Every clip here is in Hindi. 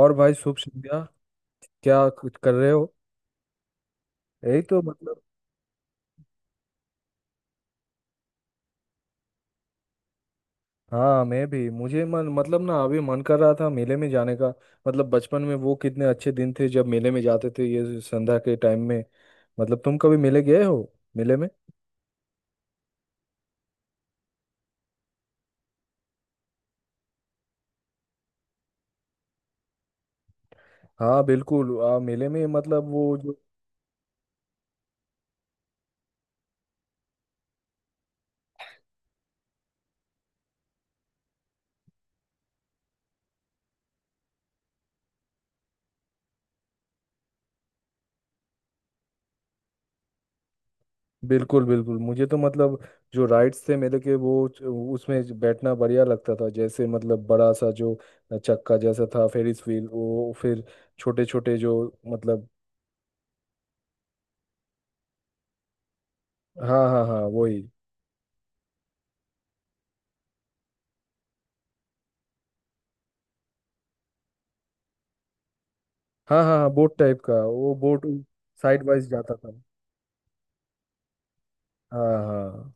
और भाई, शुभ संध्या। क्या कुछ कर रहे हो? यही तो मतलब। हाँ, मैं भी, मुझे मन, मतलब ना, अभी मन कर रहा था मेले में जाने का। मतलब बचपन में वो कितने अच्छे दिन थे, जब मेले में जाते थे ये संध्या के टाइम में। मतलब तुम कभी मेले गए हो? मेले में। हाँ बिल्कुल। मेले में मतलब वो जो। बिल्कुल बिल्कुल, मुझे तो मतलब। जो राइड्स थे मेले के, वो। उसमें बैठना बढ़िया लगता था, जैसे मतलब बड़ा सा जो। चक्का जैसा था, फेरिस व्हील, वो फिर। छोटे छोटे जो। मतलब। हाँ हाँ हाँ, वही। हाँ हाँ हाँ, बोट टाइप का, वो बोट। साइड वाइज जाता था। हाँ हाँ।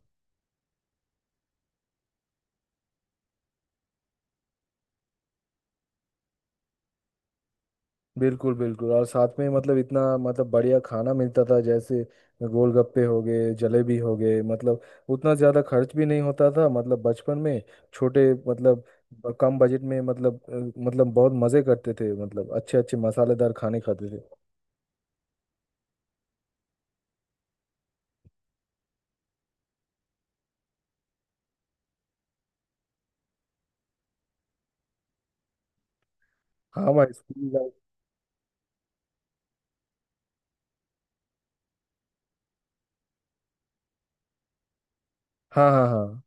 बिल्कुल बिल्कुल। और साथ में मतलब इतना मतलब बढ़िया खाना मिलता था, जैसे। गोलगप्पे हो गए, जलेबी हो गए, मतलब। उतना ज़्यादा खर्च भी नहीं होता था मतलब बचपन में। छोटे मतलब। कम बजट में, मतलब मतलब बहुत मज़े करते थे, मतलब अच्छे अच्छे मसालेदार खाने खाते थे। हाँ भाई, स्कूल लाइफ। हाँ हाँ हाँ।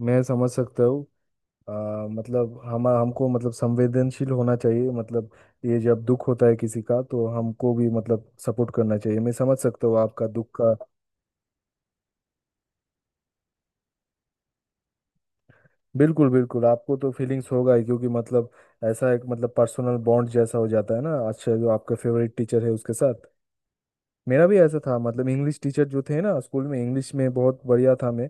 मैं समझ सकता हूँ। अ, मतलब हम हमको मतलब संवेदनशील होना चाहिए, मतलब। ये जब दुख होता है किसी का, तो हमको भी मतलब सपोर्ट करना चाहिए। मैं समझ सकता हूँ आपका दुख का। बिल्कुल बिल्कुल। आपको तो फीलिंग्स होगा ही, क्योंकि मतलब। ऐसा एक मतलब पर्सनल बॉन्ड जैसा हो जाता है ना, अच्छा, जो आपका फेवरेट टीचर है उसके साथ। मेरा भी ऐसा था, मतलब इंग्लिश टीचर जो थे ना स्कूल में, इंग्लिश में बहुत बढ़िया था मैं।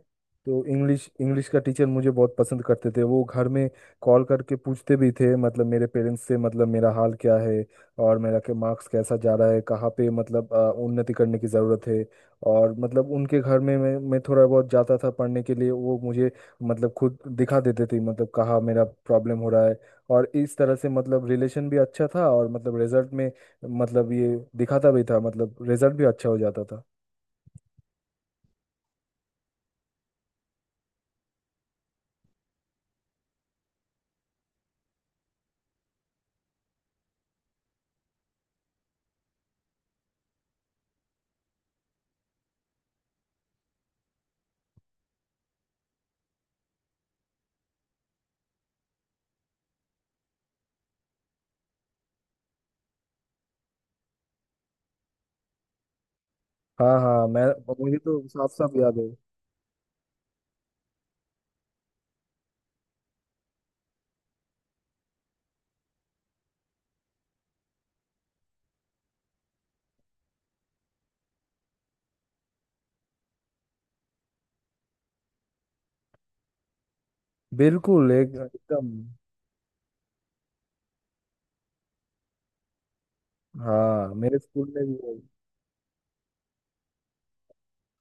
तो इंग्लिश इंग्लिश का टीचर मुझे बहुत पसंद करते थे। वो घर में। कॉल करके पूछते भी थे, मतलब मेरे पेरेंट्स से, मतलब मेरा हाल क्या है। और मेरा के मार्क्स कैसा जा रहा है, कहाँ पे मतलब उन्नति करने की ज़रूरत है। और मतलब उनके घर में मैं थोड़ा बहुत जाता था पढ़ने के लिए, वो मुझे। मतलब खुद दिखा देते थे, मतलब कहाँ मेरा प्रॉब्लम हो रहा है। और इस तरह से मतलब रिलेशन भी अच्छा था, और मतलब रिजल्ट में। मतलब ये। दिखाता भी था, मतलब रिजल्ट भी अच्छा हो जाता था। हाँ हाँ, मैं। मुझे तो साफ साफ याद है। बिल्कुल, एक एकदम। हाँ, मेरे स्कूल में भी है।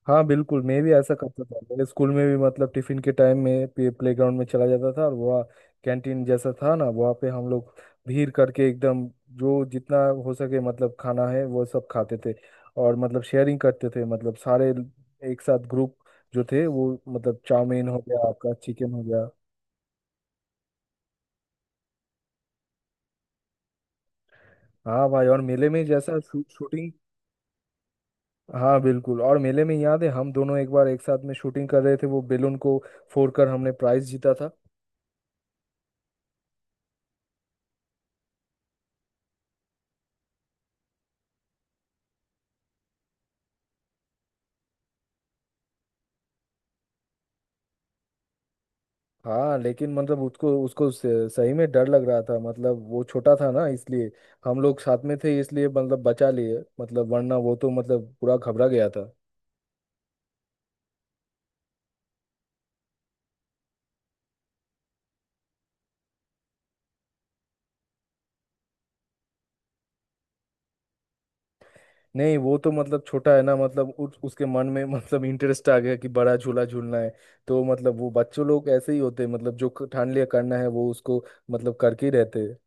हाँ बिल्कुल, मैं भी ऐसा करता था मेरे स्कूल में भी। मतलब टिफिन के टाइम में प्ले ग्राउंड में चला जाता था, और वहाँ। कैंटीन जैसा था ना, वहाँ पे हम लोग। भीड़ करके एकदम। जो जितना। हो सके मतलब खाना है, वो सब खाते थे। और मतलब शेयरिंग करते थे, मतलब सारे। एक साथ, ग्रुप। जो थे वो, मतलब चाउमीन हो गया आपका, चिकन हो गया। हाँ भाई। और मेले में जैसा शूटिंग। हाँ बिल्कुल, और मेले में याद है, हम दोनों एक बार एक साथ में शूटिंग कर रहे थे, वो बेलून को। फोड़कर हमने प्राइज जीता था। हाँ, लेकिन मतलब उसको उसको स- सही में डर लग रहा था, मतलब वो छोटा था ना इसलिए। हम लोग साथ में थे इसलिए मतलब बचा लिए, मतलब वरना वो तो मतलब पूरा घबरा गया था। नहीं, वो तो मतलब छोटा है ना, मतलब उसके मन में मतलब इंटरेस्ट आ गया कि बड़ा झूला झूलना है। तो मतलब वो बच्चों लोग ऐसे ही होते हैं, मतलब जो ठान लिया करना है वो उसको। मतलब करके ही रहते हैं।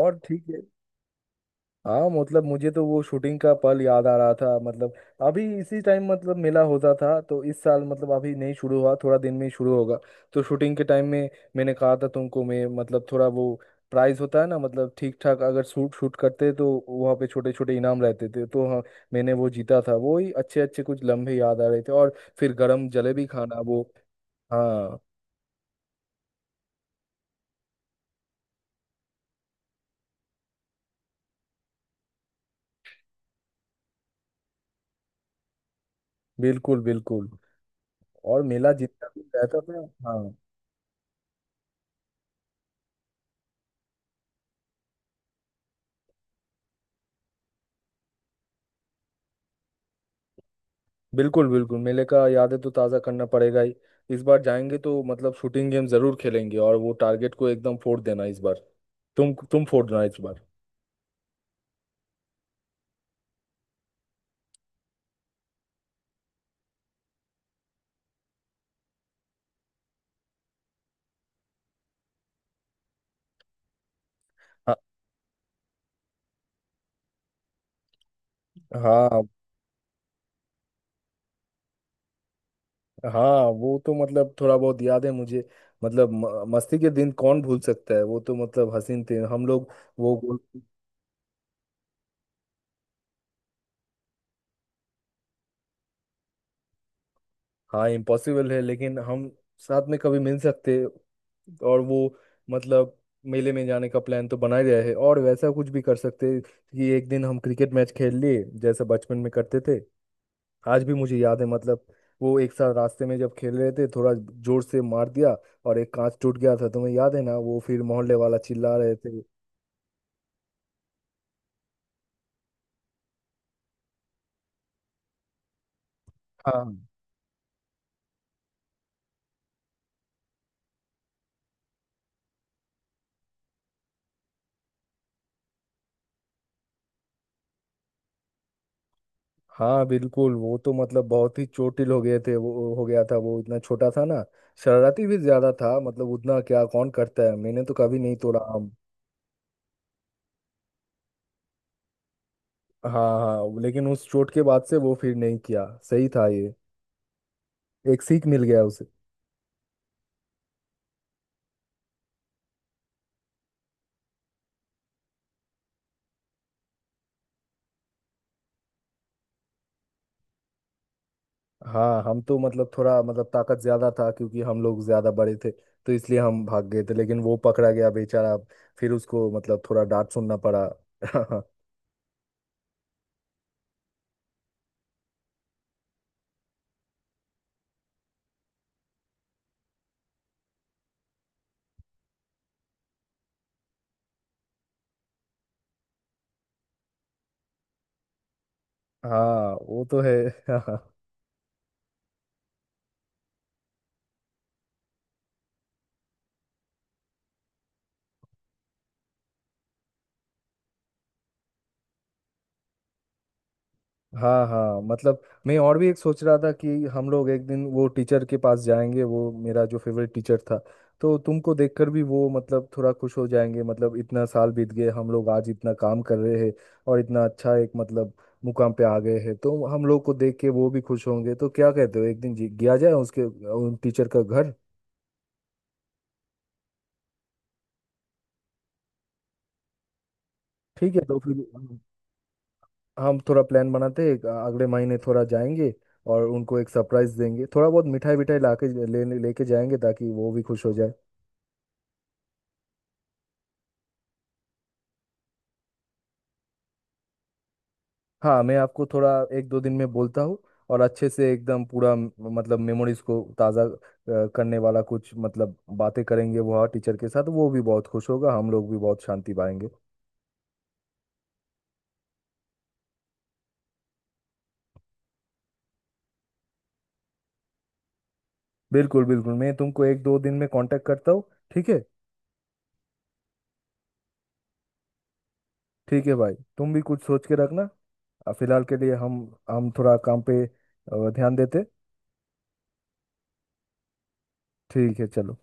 और ठीक है। हाँ, मतलब मुझे तो वो शूटिंग का पल याद आ रहा था, मतलब। अभी इसी टाइम मतलब मेला होता था, तो इस साल मतलब अभी नहीं शुरू हुआ, थोड़ा दिन में ही शुरू होगा। तो शूटिंग के टाइम में। मैंने कहा था तुमको, मैं मतलब थोड़ा वो। प्राइज होता है ना, मतलब ठीक ठाक अगर शूट शूट करते तो वहाँ पे छोटे छोटे इनाम रहते थे, तो हाँ। मैंने वो जीता था, वो ही अच्छे अच्छे कुछ लम्हे याद आ रहे थे, और फिर गरम जलेबी खाना, वो। हाँ। बिल्कुल बिल्कुल। और मेला जितना भी रहता था, हाँ। बिल्कुल बिल्कुल, मेले का यादें तो ताज़ा करना पड़ेगा ही। इस बार जाएंगे तो मतलब शूटिंग गेम जरूर खेलेंगे, और वो टारगेट को एकदम फोड़ देना इस बार। तुम फोड़ देना इस बार। हाँ हाँ हाँ। वो तो मतलब थोड़ा बहुत याद है मुझे। मतलब मस्ती के दिन कौन भूल सकता है! वो तो मतलब हसीन थे, हम लोग। वो वो- हाँ इम्पॉसिबल है, लेकिन हम। साथ में कभी मिल सकते। और वो। मतलब। मेले में जाने का प्लान तो बना ही रहा है, और वैसा कुछ भी कर सकते हैं, कि एक दिन हम क्रिकेट मैच खेल लिए जैसे बचपन में करते थे। आज भी मुझे याद है, मतलब। वो एक साथ रास्ते में जब खेल रहे थे, थोड़ा। जोर से मार दिया। और एक कांच टूट गया था, तुम्हें याद है ना, वो फिर मोहल्ले वाला चिल्ला रहे थे। हाँ हाँ। बिल्कुल, वो तो मतलब बहुत ही चोटिल हो गए थे। वो हो गया था, वो इतना छोटा था ना। शरारती भी ज्यादा था, मतलब उतना क्या, कौन करता है! मैंने तो कभी नहीं तोड़ा। हाँ हाँ, लेकिन उस चोट के बाद से वो फिर नहीं किया, सही था ये। एक सीख मिल गया उसे। हाँ, हम तो मतलब थोड़ा मतलब ताकत ज्यादा था, क्योंकि हम लोग ज्यादा बड़े थे। तो इसलिए हम भाग गए थे, लेकिन वो पकड़ा गया बेचारा। फिर उसको मतलब थोड़ा डांट सुनना पड़ा। हाँ, वो तो है। हाँ हाँ मतलब। मैं और भी एक सोच रहा था, कि हम लोग एक दिन वो टीचर के पास जाएंगे, वो मेरा जो फेवरेट टीचर था। तो तुमको देखकर भी वो मतलब थोड़ा खुश हो जाएंगे, मतलब इतना साल बीत गए, हम लोग आज इतना काम कर रहे हैं। और इतना अच्छा एक, मतलब। मुकाम पे आ गए हैं, तो हम लोग को देख के वो भी खुश होंगे। तो क्या कहते हो, एक दिन गया जाए उसके, उन टीचर का घर। ठीक है, तो फिर हम। हम थोड़ा प्लान बनाते हैं, अगले महीने थोड़ा जाएंगे। और उनको एक सरप्राइज देंगे, थोड़ा बहुत मिठाई विठाई लाके। ले लेके जाएंगे, ताकि वो भी खुश हो जाए। हाँ मैं आपको थोड़ा। एक दो दिन में बोलता हूँ। और अच्छे से एकदम पूरा मतलब मेमोरीज को ताज़ा करने वाला कुछ, मतलब बातें करेंगे वह टीचर के साथ। वो भी बहुत खुश होगा, हम लोग भी बहुत शांति पाएंगे। बिल्कुल बिल्कुल, मैं तुमको एक दो दिन में कांटेक्ट करता हूँ। ठीक है। ठीक है भाई, तुम भी कुछ सोच के रखना। फिलहाल के लिए हम। हम थोड़ा काम पे ध्यान देते। ठीक है, चलो।